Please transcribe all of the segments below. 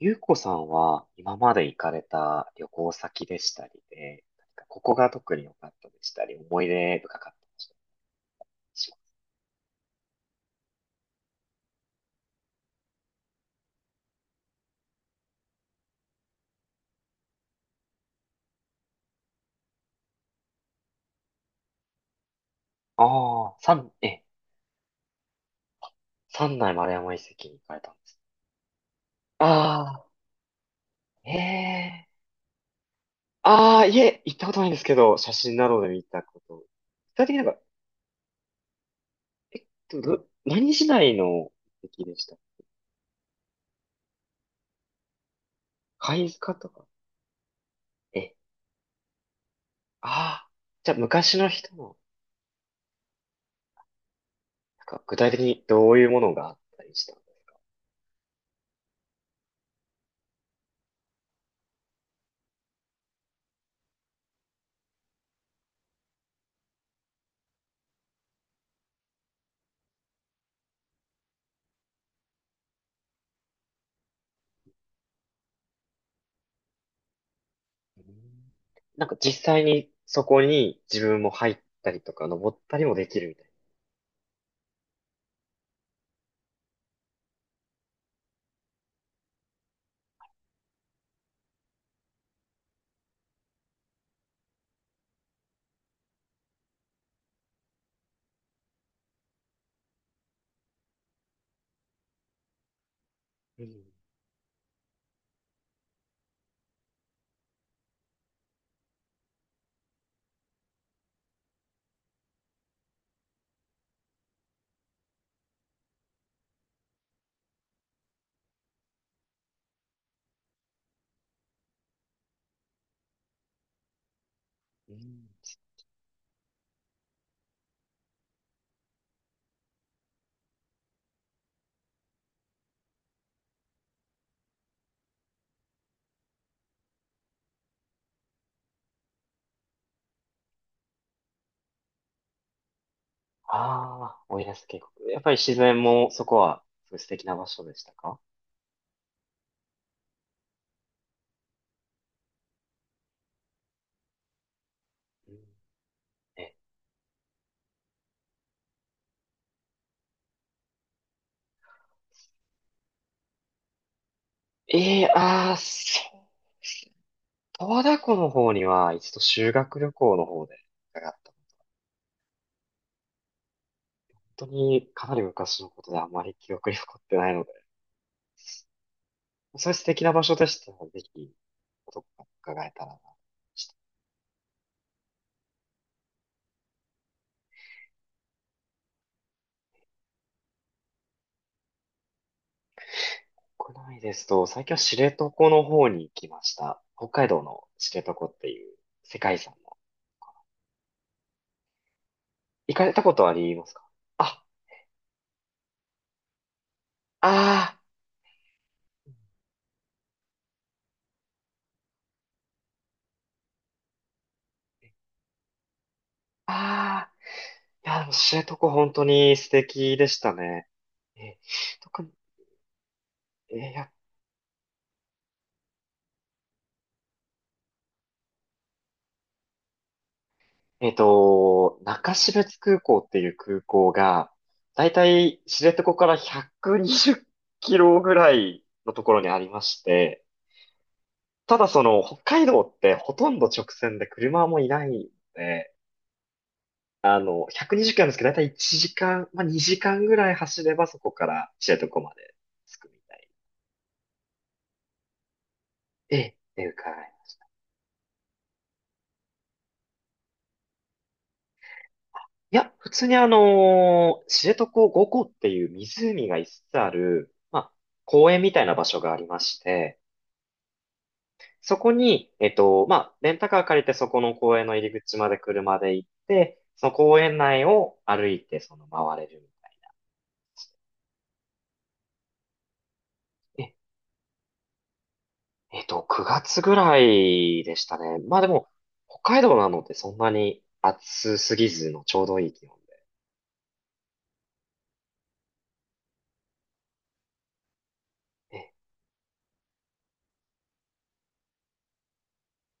ゆうこさんは今まで行かれた旅行先でしたりで、何かここが特に良かったでしたり、思い出深かったでしたりします。ああ、三内丸山遺跡に行かれたんです。ああ、ええ、ああ、いえ、行ったことないんですけど、写真などで見たこと。具体的に何時代の遺跡でした？貝塚とか？え、ああ、じゃあ昔の人の、具体的にどういうものがあったりした？うん、実際にそこに自分も入ったりとか登ったりもできるみたいな？うん、うん。ああ、奥入瀬渓谷。やっぱり自然もそこはすごい素敵な場所でしたか？うん、え、ええ、そうですね。十和田湖の方には一度修学旅行の方で伺った。本当にかなり昔のことであまり記憶に残ってないので、そういう素敵な場所でしたら、ぜひ、どこか伺えたら。国内ですと、最近は知床の方に行きました。北海道の知床っていう世界遺産の。行かれたことありますか？あ、ああ、ああ、いや、でも知床本当に素敵でしたね。え、特に、えー、やえっと、中標津空港っていう空港が、だいたい知床から120キロぐらいのところにありまして、ただその北海道ってほとんど直線で車もいないので、120キロなんですけど、だいたい1時間、まあ、2時間ぐらい走ればそこから知床まで着くみたい。ええ、っていうか、いや、普通に知床五湖っていう湖が5つつある、まあ、公園みたいな場所がありまして、そこに、まあ、レンタカー借りてそこの公園の入り口まで車で行って、その公園内を歩いてその回れるみたい。9月ぐらいでしたね。まあでも、北海道なのでそんなに暑すぎずのちょうどいい気温で。え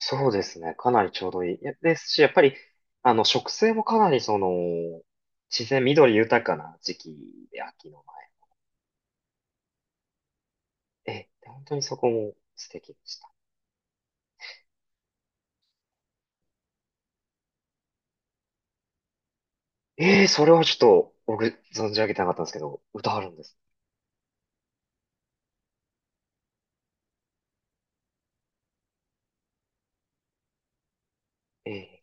そうですね。かなりちょうどいい。いやですし、やっぱり、植生もかなり自然緑豊かな時期で秋の前。で、本当にそこも素敵でした。それはちょっと、僕、存じ上げてなかったんですけど、歌あるんです。えー、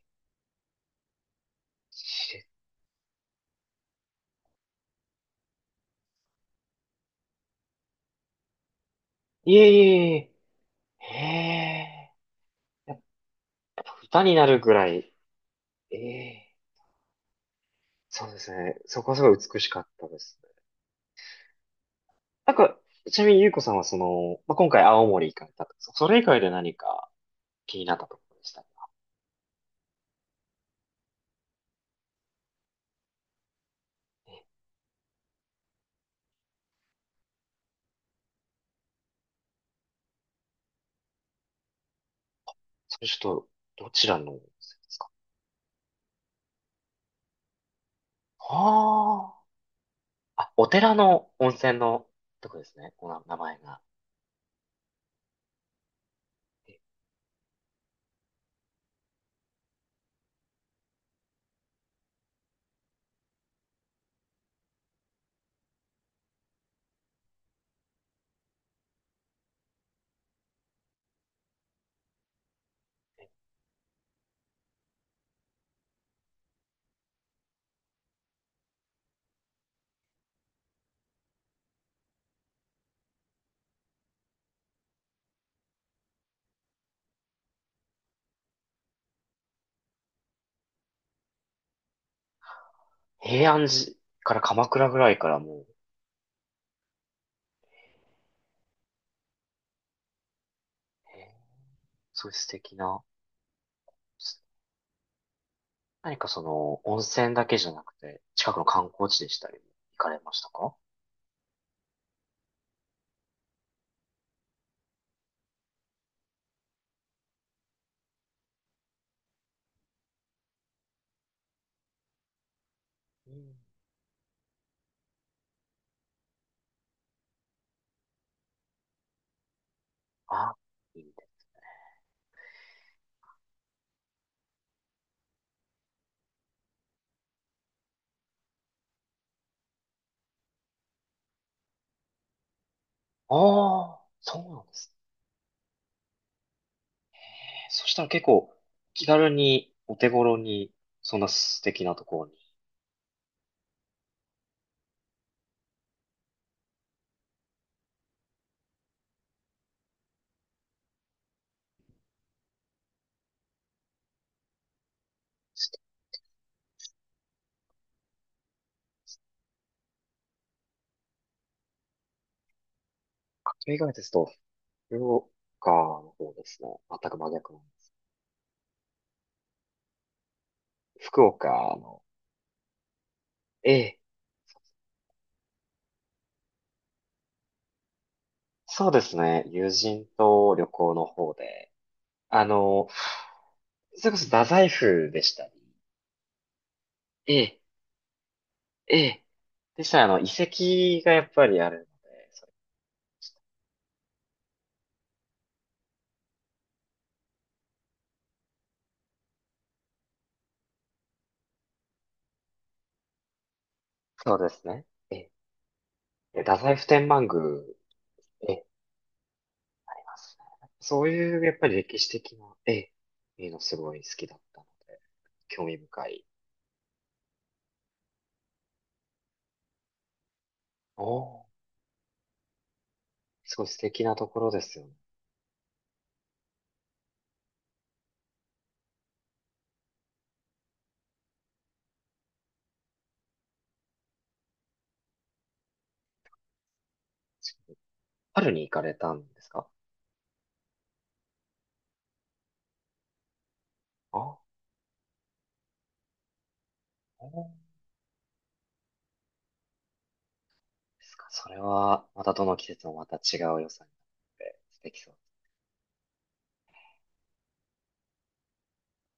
しいえ、いえ、いえ、いや、歌になるぐらい、ええ。そうですね。そこはすごい美しかったですね。なんか、ちなみにゆうこさんはまあ、今回青森行かれたと。それ以外で何か気になったところでしたか？それちょっと、どちらの温泉ですか？ああ。あ、お寺の温泉のとこですね。この名前が。平安寺から鎌倉ぐらいからも。へえ、そういう素敵な。何か温泉だけじゃなくて、近くの観光地でしたり、行かれましたか？うん。あ、いいね。ああ、そうなんですね。そしたら結構気軽にお手頃に、そんな素敵なところに。例えがですと、福岡の方ですね。全く真逆なんです。福岡の。ええ、そうですね。友人と旅行の方で、あの、それこそ太宰府でしたり。ええ、ええ、でしたら遺跡がやっぱりあるので、そうですね。ええ、で、太宰府天満宮、ええ、ありますね。そういうやっぱり歴史的な、ええ、いいのすごい好きだったので。興味深い。おー、すごい素敵なところですよね。春に行かれたんですか？あ、おーですか？それは、またどの季節もまた違う良さになって素敵そう。